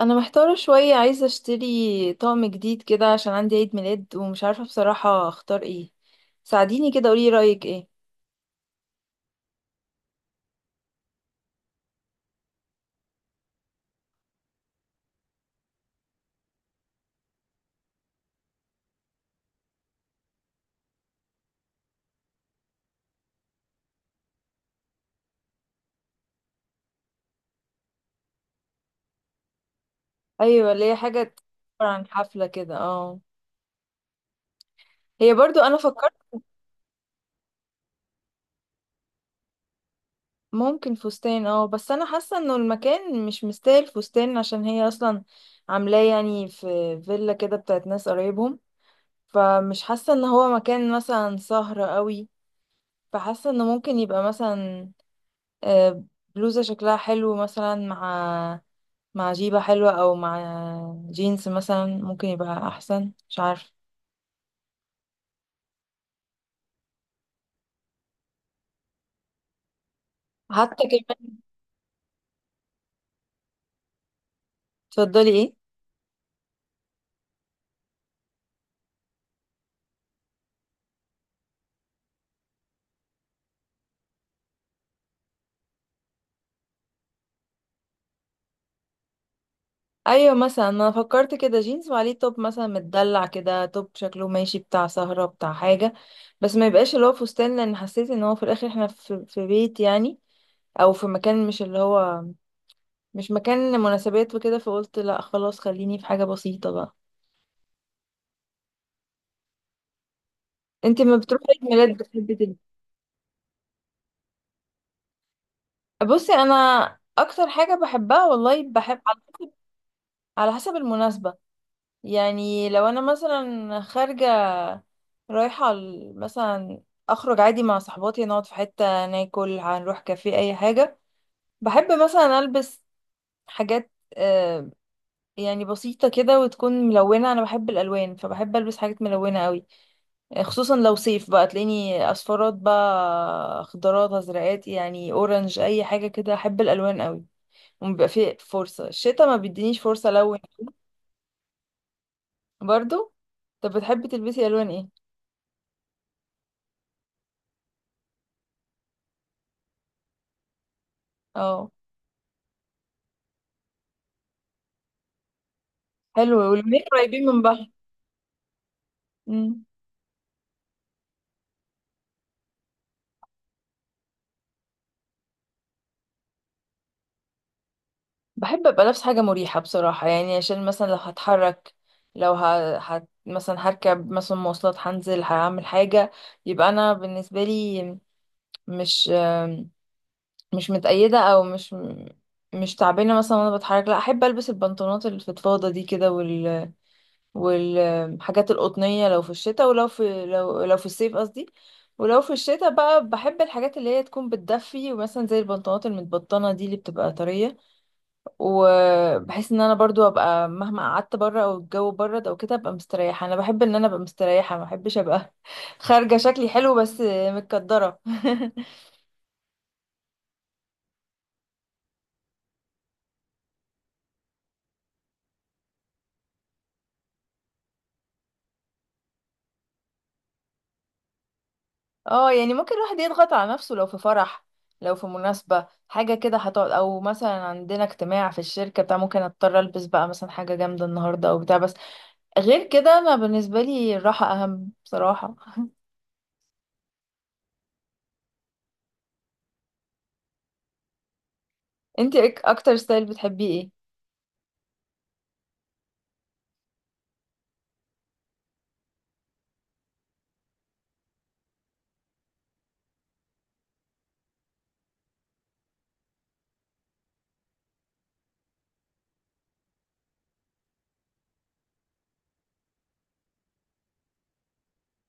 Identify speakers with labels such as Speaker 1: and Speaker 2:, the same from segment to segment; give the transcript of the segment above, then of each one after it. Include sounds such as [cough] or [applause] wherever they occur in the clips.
Speaker 1: انا محتارة شوية، عايزة اشتري طقم جديد كده عشان عندي عيد ميلاد ومش عارفة بصراحة اختار ايه. ساعديني كده، قولي رأيك ايه. ايوه، اللي هي حاجة تعبر عن حفلة كده، اه. هي برضو انا فكرت ممكن فستان، اه، بس انا حاسة انه المكان مش مستاهل فستان عشان هي اصلا عاملاه يعني في فيلا كده بتاعت ناس قرايبهم، فمش حاسة ان هو مكان مثلا سهرة قوي. فحاسة انه ممكن يبقى مثلا آه، بلوزة شكلها حلو مثلا مع مع جيبة حلوة، او مع جينز مثلا ممكن يبقى احسن، مش عارفة. حتى كمان تفضلي ايه؟ ايوه، مثلا انا فكرت كده جينز وعليه توب مثلا متدلع كده، توب شكله ماشي بتاع سهرة بتاع حاجة، بس ما يبقاش اللي هو فستان، لان حسيت ان هو في الاخر احنا في بيت يعني، او في مكان مش اللي هو مش مكان مناسبات وكده. فقلت لا خلاص، خليني في حاجة بسيطة بقى. انت ما بتروحي عيد ميلاد بتحبي تلبسي؟ بصي انا اكتر حاجة بحبها والله، بحب على حسب، على حسب المناسبة. يعني لو انا مثلا خارجة رايحة ال- مثلا اخرج عادي مع صحباتي، نقعد في حتة ناكل، هنروح كافيه اي حاجة، بحب مثلا البس حاجات يعني بسيطة كده وتكون ملونة. انا بحب الالوان، فبحب البس حاجات ملونة قوي. خصوصا لو صيف بقى تلاقيني اصفرات بقى، خضارات، ازرقات، يعني اورنج، اي حاجة كده. احب الالوان قوي، وبيبقى فيه فرصة. الشتا ما بيدينيش فرصة الون. برضو طب بتحبي تلبسي الوان ايه؟ اه، حلو، والاتنين قريبين من بعض. مم. بحب ابقى لابس حاجه مريحه بصراحه، يعني عشان مثلا لو هتحرك، لو مثلا هركب مثلا مواصلات، هنزل هعمل حاجه، يبقى انا بالنسبه لي مش، مش متقيده او مش تعبانه مثلا وانا بتحرك. لا، احب البس البنطلونات الفضفاضه دي كده والحاجات القطنية لو في الشتاء، ولو في لو لو في الصيف قصدي. ولو في الشتاء بقى بحب الحاجات اللي هي تكون بتدفي، ومثلا زي البنطلونات المتبطنة دي اللي بتبقى طرية. وبحس ان انا برضو ابقى مهما قعدت بره او الجو برد او كده، ابقى مستريحة. انا بحب ان انا ابقى مستريحة، ما بحبش ابقى [laughs] خارجة شكلي حلو بس متكدرة [laughs] اه يعني ممكن الواحد يضغط على نفسه لو في فرح، لو في مناسبة حاجة كده هتقعد، او مثلا عندنا اجتماع في الشركة بتاع، ممكن اضطر البس بقى مثلا حاجة جامدة النهاردة او بتاع، بس غير كده انا بالنسبة لي الراحة اهم بصراحة. [laughs] انتي اكتر ستايل بتحبيه ايه؟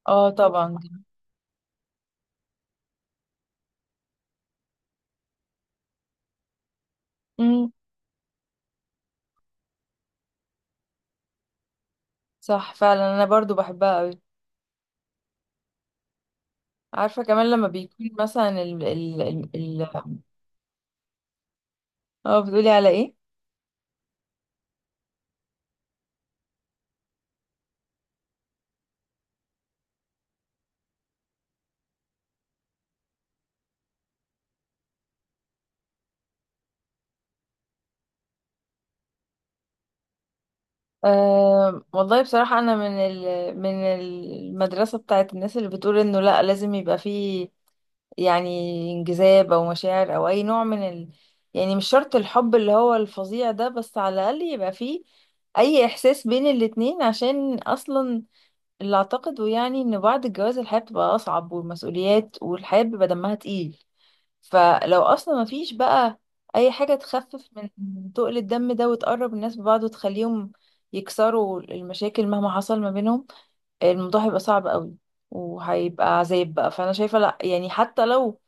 Speaker 1: اه طبعا. [laughs] امم. صح فعلا، انا برضو بحبها قوي. عارفة كمان لما بيكون مثلا ال- اه، بتقولي على ايه؟ أه والله بصراحة، أنا من ال من المدرسة بتاعت الناس اللي بتقول إنه لأ، لازم يبقى فيه يعني انجذاب او مشاعر او اي نوع من يعني مش شرط الحب اللي هو الفظيع ده، بس على الاقل يبقى فيه اي احساس بين الاتنين. عشان اصلا اللي اعتقده يعني، ان بعد الجواز الحياة بتبقى اصعب، والمسؤوليات، والحياة بيبقى دمها تقيل. فلو اصلا ما فيش بقى اي حاجة تخفف من تقل الدم ده، وتقرب الناس ببعض، وتخليهم يكسروا المشاكل مهما حصل ما بينهم، الموضوع هيبقى صعب قوي، وهيبقى عذاب بقى. فانا شايفة لا، يعني حتى لو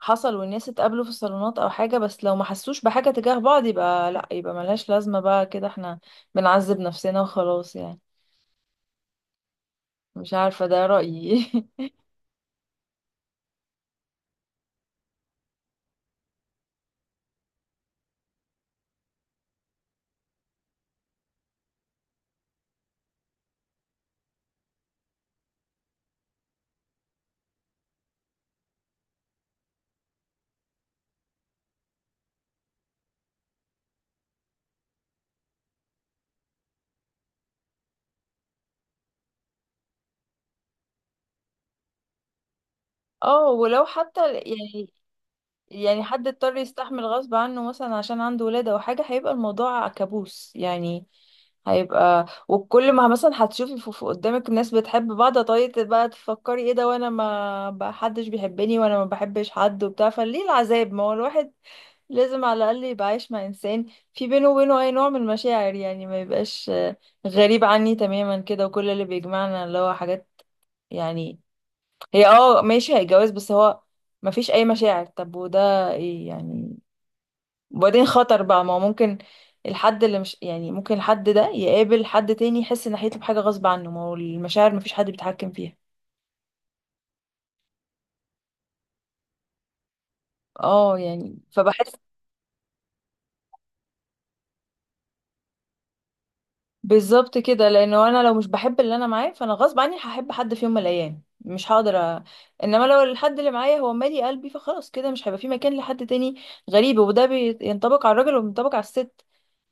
Speaker 1: حصل والناس اتقابلوا في الصالونات او حاجة، بس لو ما حسوش بحاجة تجاه بعض، يبقى لا، يبقى ملهاش لازمة بقى كده. احنا بنعذب نفسنا وخلاص يعني. مش عارفة، ده رأيي. [laughs] اه ولو حتى يعني، يعني حد اضطر يستحمل غصب عنه مثلا عشان عنده ولادة او حاجة، هيبقى الموضوع كابوس يعني. هيبقى، وكل ما مثلا هتشوفي في قدامك ناس بتحب بعض، طيب بقى تفكري ايه ده، وانا ما بقى حدش بيحبني وانا ما بحبش حد وبتاع. فليه العذاب؟ ما هو الواحد لازم على الاقل يبقى عايش مع انسان في بينه وبينه اي نوع من المشاعر. يعني ما يبقاش غريب عني تماما كده، وكل اللي بيجمعنا اللي هو حاجات يعني، هي اه ماشي هيتجوز، بس هو مفيش اي مشاعر. طب وده ايه يعني؟ وبعدين خطر بقى، ما هو ممكن الحد اللي مش يعني، ممكن الحد ده يقابل حد تاني يحس ناحيته بحاجة غصب عنه، ما هو المشاعر مفيش حد بيتحكم فيها. اه يعني فبحس بالظبط كده، لانه انا لو مش بحب اللي انا معاه، فانا غصب عني هحب حد في يوم من الايام، مش هقدر انما لو الحد اللي معايا هو مالي قلبي، فخلاص كده مش هيبقى في مكان لحد تاني غريب. وده بينطبق على الراجل وبينطبق على الست.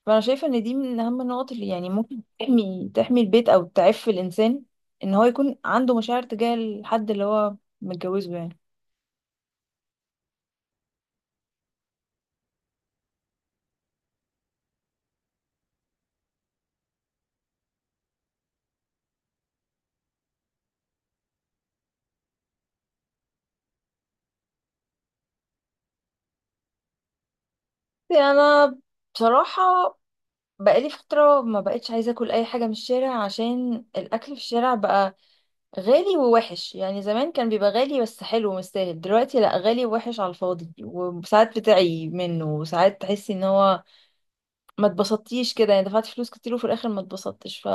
Speaker 1: فانا شايفه ان دي من اهم النقط اللي يعني ممكن تحمي البيت او تعف الانسان، ان هو يكون عنده مشاعر تجاه الحد اللي هو متجوزه يعني. انا بصراحه بقالي فتره ما بقتش عايزه اكل اي حاجه من الشارع، عشان الاكل في الشارع بقى غالي ووحش. يعني زمان كان بيبقى غالي بس حلو ومستاهل، دلوقتي لا، غالي ووحش على الفاضي، وساعات بتعي منه، وساعات تحسي ان هو ما اتبسطتيش كده، يعني دفعت فلوس كتير وفي الاخر ما اتبسطتش. ف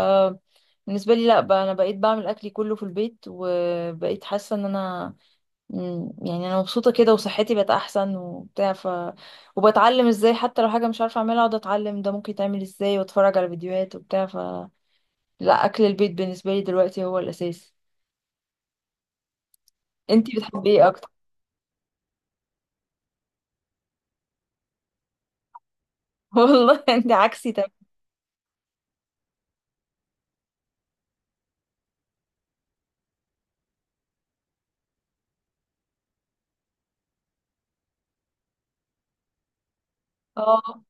Speaker 1: بالنسبه لي لا بقى، انا بقيت بعمل اكلي كله في البيت، وبقيت حاسه ان انا يعني انا مبسوطه كده، وصحتي بقت احسن وبتاع. ف وبتعلم ازاي، حتى لو حاجه مش عارفه اعملها، اقعد اتعلم ده ممكن يتعمل ازاي، واتفرج على فيديوهات وبتاع. ف لا، اكل البيت بالنسبه لي دلوقتي هو الاساس. انتي بتحبي ايه اكتر؟ [laughs] والله انت عكسي تمام. اه،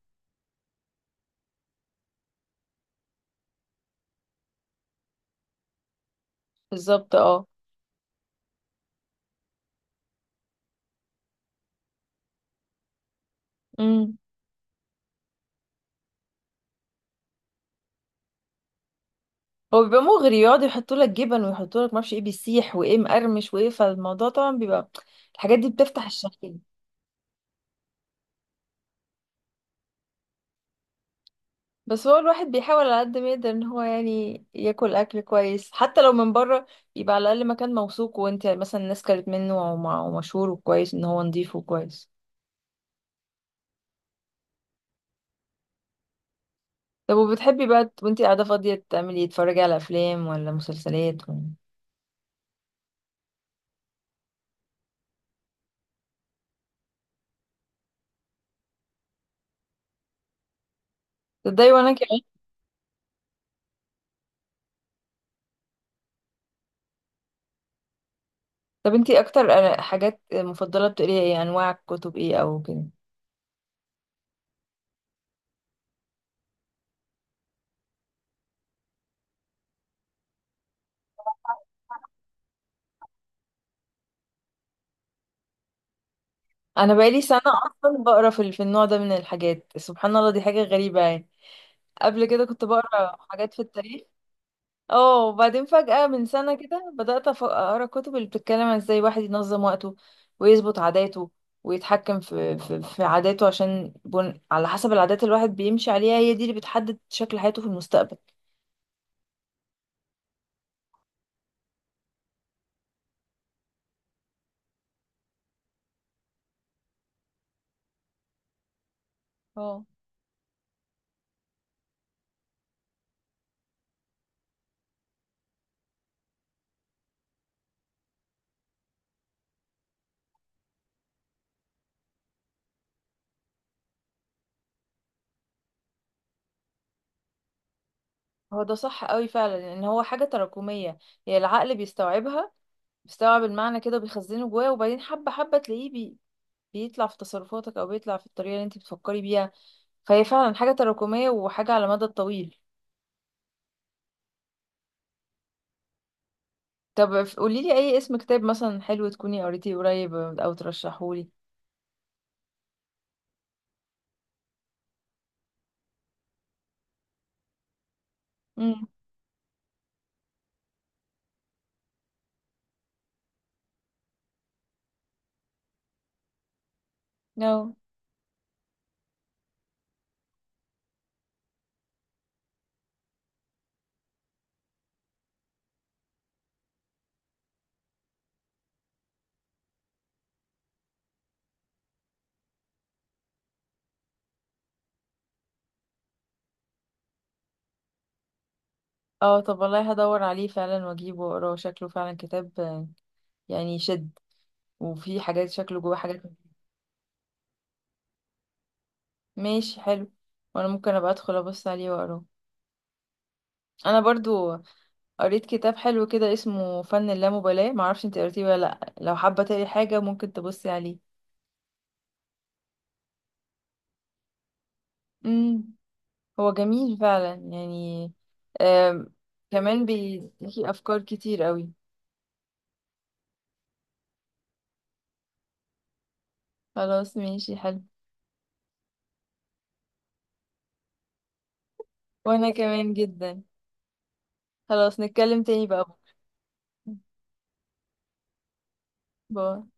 Speaker 1: بالظبط اه. امم. هو بيبقى مغري، يقعدوا يحطوا لك جبن، ويحطوا لك معرفش ايه بيسيح، وايه مقرمش، وايه، فالموضوع طبعا بيبقى، الحاجات دي بتفتح الشهية. بس هو الواحد بيحاول على قد ما يقدر ان هو يعني ياكل اكل كويس. حتى لو من بره، يبقى على الاقل مكان موثوق وانت مثلا الناس كلت منه ومشهور وكويس ان هو نضيف وكويس. طب وبتحبي بقى وانت قاعده فاضيه تعملي إيه؟ تتفرجي على افلام ولا مسلسلات ولا تضايقي؟ وانا كمان. طب انت اكتر حاجات مفضله بتقريها ايه؟ انواع كتب ايه او كده؟ انا بقالي سنه اصلا بقرا في النوع ده من الحاجات، سبحان الله دي حاجه غريبه يعني. قبل كده كنت بقرا حاجات في التاريخ، اه، وبعدين فجاه من سنه كده بدات اقرا كتب اللي بتتكلم عن ازاي الواحد ينظم وقته، ويظبط عاداته، ويتحكم في عاداته. عشان على حسب العادات اللي الواحد بيمشي عليها، هي دي اللي بتحدد شكل حياته في المستقبل. اه هو ده صح قوي فعلا، لان هو حاجه تراكميه، هي العقل بيستوعبها، بيستوعب المعنى كده بيخزنه جواه، وبعدين حبه حبه تلاقيه بيطلع في تصرفاتك، او بيطلع في الطريقه اللي انت بتفكري بيها. فهي فعلا حاجه تراكميه وحاجه على المدى الطويل. طب قولي لي اي اسم كتاب مثلا حلو تكوني قريتيه قريب او ترشحهولي. امم. اه. اه طب والله هدور عليه فعلا واجيبه واقراه، شكله فعلا كتاب يعني يشد، وفيه حاجات، شكله جواه حاجات. ماشي حلو. وانا ممكن ابقى ادخل ابص عليه واقراه. انا برضو قريت كتاب حلو كده اسمه فن اللامبالاة، معرفش انت قريتيه ولا لا، لو حابه تقري حاجه ممكن تبصي عليه. امم. هو جميل فعلا يعني، آم، كمان بيديكي أفكار كتير قوي. خلاص ماشي حلو. وأنا كمان جدا. خلاص نتكلم تاني بقى. باي.